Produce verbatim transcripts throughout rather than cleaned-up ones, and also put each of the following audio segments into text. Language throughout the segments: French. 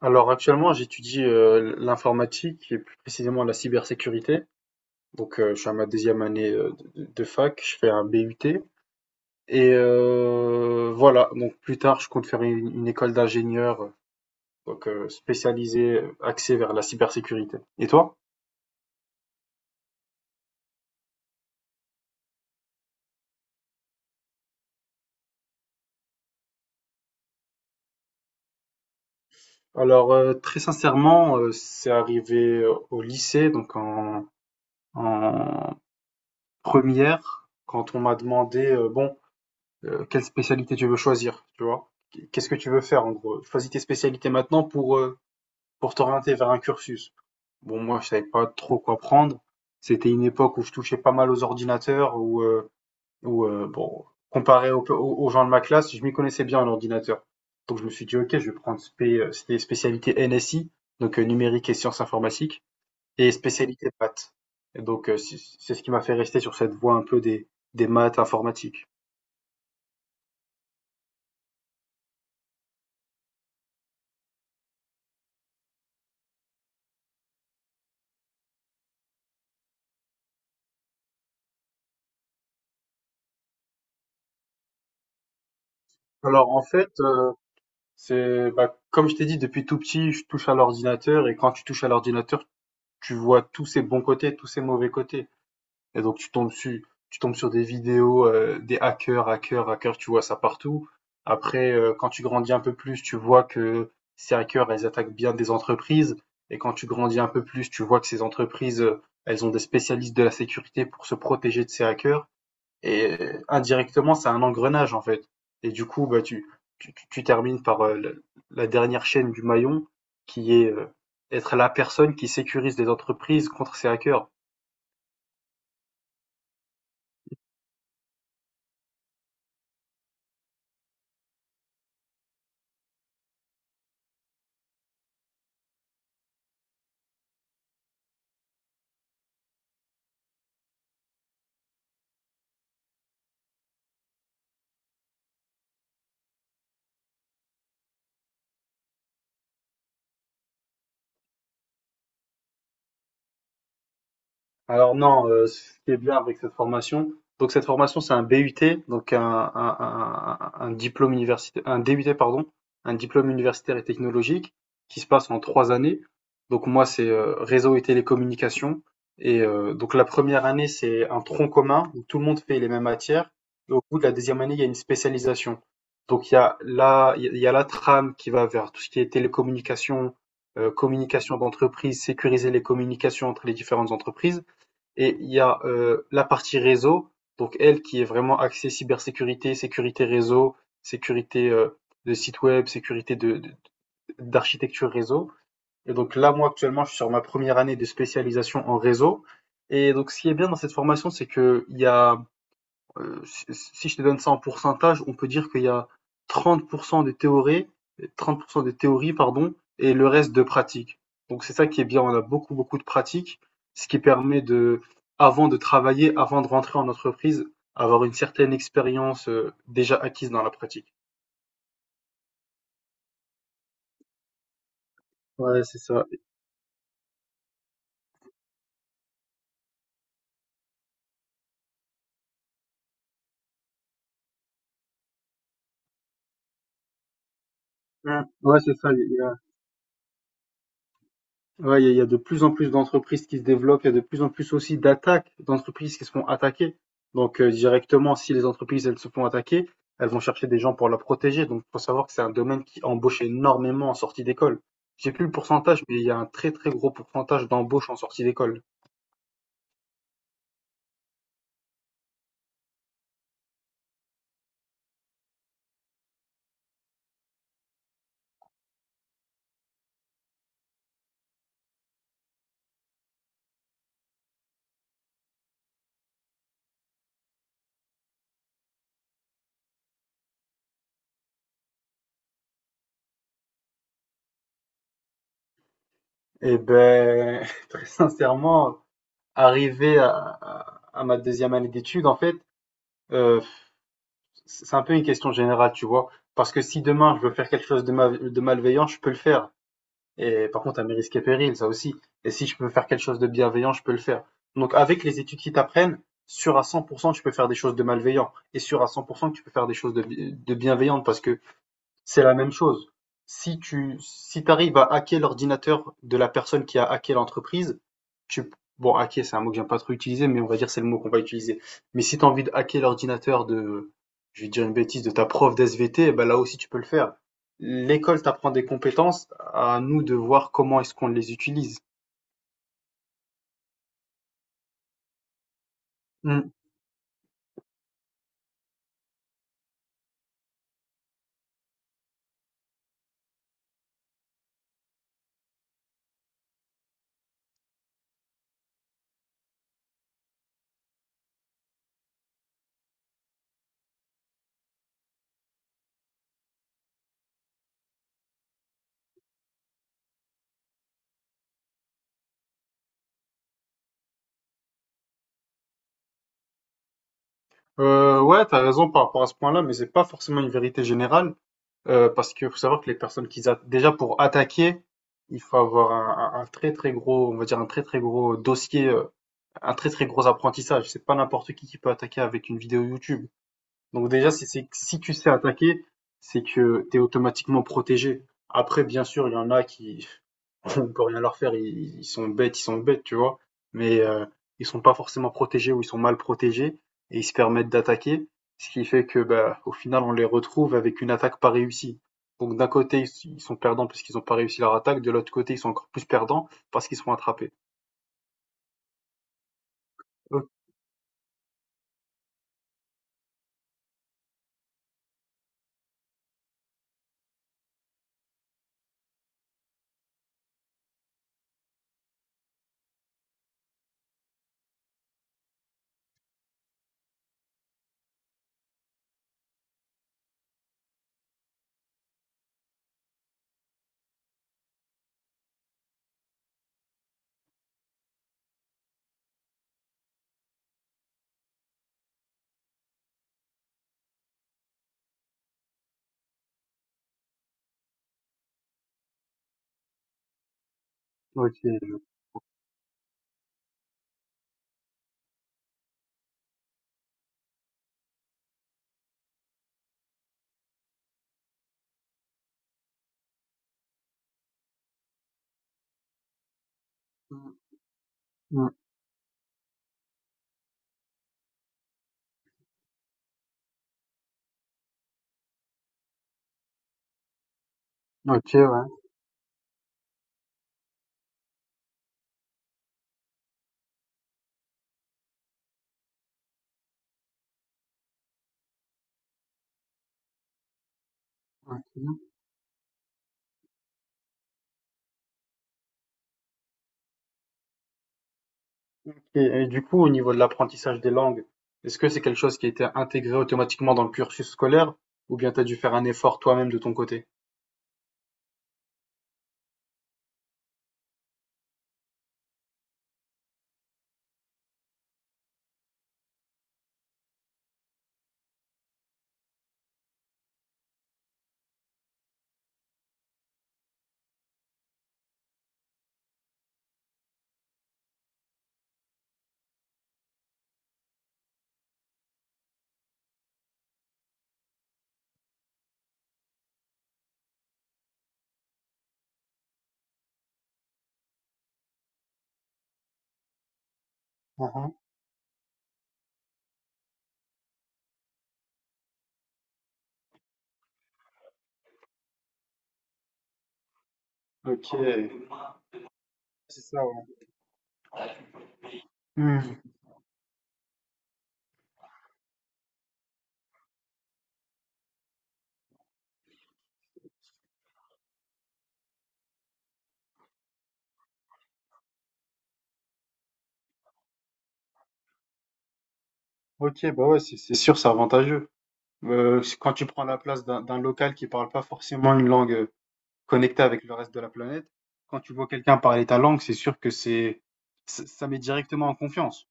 Alors actuellement, j'étudie euh, l'informatique et plus précisément la cybersécurité. Donc euh, je suis à ma deuxième année euh, de, de fac, je fais un B U T. Et euh, voilà, donc plus tard, je compte faire une, une école d'ingénieur euh, donc euh, spécialisée, euh, axée vers la cybersécurité. Et toi? Alors euh, très sincèrement, euh, c'est arrivé euh, au lycée, donc en, en première, quand on m'a demandé, euh, bon, euh, quelle spécialité tu veux choisir, tu vois. Qu'est-ce que tu veux faire en gros? Choisis tes spécialités maintenant pour, euh, pour t'orienter vers un cursus. Bon, moi, je savais pas trop quoi prendre. C'était une époque où je touchais pas mal aux ordinateurs, où, euh, où euh, bon, comparé au- au- aux gens de ma classe, je m'y connaissais bien en ordinateur. Donc, je me suis dit, ok, je vais prendre spé- euh, c'était spécialité N S I, donc euh, numérique et sciences informatiques, et spécialité maths. Et donc, euh, c'est c'est ce qui m'a fait rester sur cette voie un peu des, des maths informatiques. Alors, en fait, euh, c'est bah, comme je t'ai dit, depuis tout petit, je touche à l'ordinateur et quand tu touches à l'ordinateur, tu vois tous ses bons côtés, tous ses mauvais côtés. Et donc tu tombes sur, tu tombes sur des vidéos, euh, des hackers, hackers, hackers, tu vois ça partout. Après, euh, quand tu grandis un peu plus, tu vois que ces hackers, elles attaquent bien des entreprises. Et quand tu grandis un peu plus, tu vois que ces entreprises, euh, elles ont des spécialistes de la sécurité pour se protéger de ces hackers. Et euh, indirectement, c'est un engrenage en fait. Et du coup, bah, tu, tu, tu- tu termines par euh, la, la dernière chaîne du maillon qui est euh, être la personne qui sécurise les entreprises contre ces hackers. Alors non, heu, ce qui est bien avec cette formation, donc cette formation, c'est un B U T, donc un un un un diplôme universitaire, un D U T pardon, un diplôme universitaire et technologique qui se passe en trois années. Donc moi, c'est, heu, réseau et télécommunications et heu, donc la première année, c'est un tronc commun où tout le monde fait les mêmes matières et au bout de la deuxième année, il y a une spécialisation. Donc il y a la il y a la trame qui va vers tout ce qui est télécommunications, heu, communication d'entreprise, sécuriser les communications entre les différentes entreprises et il y a euh, la partie réseau, donc elle qui est vraiment axée cybersécurité, sécurité réseau, sécurité euh, de site web, sécurité de, de- d'architecture réseau. Et donc là, moi actuellement, je suis sur ma première année de spécialisation en réseau. Et donc ce qui est bien dans cette formation, c'est que il y a euh, si si je te donne ça en pourcentage, on peut dire qu'il y a trente pour cent de théorie, trente pour cent de théorie, pardon, et le reste de pratique. Donc c'est ça qui est bien, on a beaucoup, beaucoup de pratique, ce qui permet de, avant de travailler, avant de rentrer en entreprise, avoir une certaine expérience euh, déjà acquise dans la pratique. Ouais, c'est ça. Ouais, c'est ça. Ouais, il y a il y a de plus en plus d'entreprises qui se développent, il y a de plus en plus aussi d'attaques d'entreprises qui se font attaquer. Donc euh, directement, si les entreprises elles se font attaquer, elles vont chercher des gens pour la protéger. Donc faut savoir que c'est un domaine qui embauche énormément en sortie d'école. J'ai plus le pourcentage, mais il y a un très très gros pourcentage d'embauche en sortie d'école. Et ben très sincèrement, arrivé à, à- à ma deuxième année d'études, en fait, euh, c'est un peu une question générale, tu vois. Parce que si demain je veux faire quelque chose de, ma- de malveillant, je peux le faire. Et par contre, à mes risques et périls, ça aussi. Et si je peux faire quelque chose de bienveillant, je peux le faire. Donc, avec les études qui t'apprennent, sûr à cent pour cent que tu peux faire des choses de malveillant. Et sûr à cent pour cent que tu peux faire des choses de, de bienveillantes parce que c'est la même chose. Si tu si t'arrives à hacker l'ordinateur de la personne qui a hacké l'entreprise, tu bon, hacker, c'est un mot que j'aime pas trop utiliser, mais on va dire c'est le mot qu'on va utiliser. Mais si tu as envie de hacker l'ordinateur de, je vais dire une bêtise, de ta prof d'S V T, eh ben là aussi tu peux le faire. L'école t'apprend des compétences, à nous de voir comment est-ce qu'on les utilise. Mm. Euh, ouais, t'as raison par rapport à ce point-là, mais c'est pas forcément une vérité générale. Euh, parce que faut savoir que les personnes qu'ils attaquent, déjà pour attaquer, il faut avoir un, un- un très très gros, on va dire un très très gros dossier, euh, un très très gros apprentissage. C'est pas n'importe qui qui peut attaquer avec une vidéo YouTube. Donc déjà, si, c'est- si tu sais attaquer, c'est que tu es automatiquement protégé. Après, bien sûr, il y en a qui, on peut rien leur faire, ils, ils sont bêtes, ils sont bêtes, tu vois. Mais euh, ils sont pas forcément protégés ou ils sont mal protégés et ils se permettent d'attaquer, ce qui fait que, bah, au final, on les retrouve avec une attaque pas réussie. Donc d'un côté, ils ils sont perdants parce qu'ils n'ont pas réussi leur attaque, de l'autre côté, ils sont encore plus perdants parce qu'ils sont attrapés. Ok, ok. Mm, mm, ok, ouais. Ok. Et, et du coup, au niveau de l'apprentissage des langues, est-ce que c'est quelque chose qui a été intégré automatiquement dans le cursus scolaire ou bien tu as dû faire un effort toi-même de ton côté? Mhm. Ok, c'est ça, ouais. Hmm. Ok, bah ouais, c'est c'est sûr, c'est avantageux. Euh, quand tu prends la place d'un d'un local qui parle pas forcément une langue euh, connectée avec le reste de la planète, quand tu vois quelqu'un parler ta langue, c'est sûr que c'est ça ça met directement en confiance.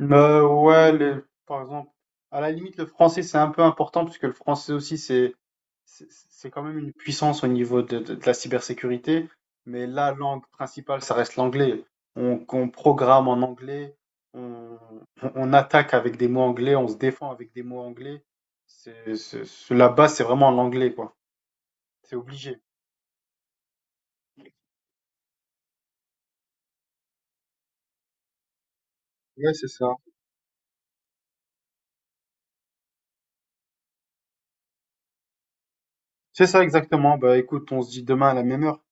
Euh, ouais, le- par exemple, à la limite, le français, c'est un peu important puisque le français aussi, c'est c'est c'est quand même une puissance au niveau de, de- de la cybersécurité, mais la langue principale, ça reste l'anglais. On, on programme en anglais, on, on- on attaque avec des mots anglais, on se défend avec des mots anglais. C'est, c'est- c'est- la base, c'est vraiment l'anglais, quoi. C'est obligé. Ouais, c'est ça. C'est ça exactement. Bah écoute, on se dit demain à la même heure.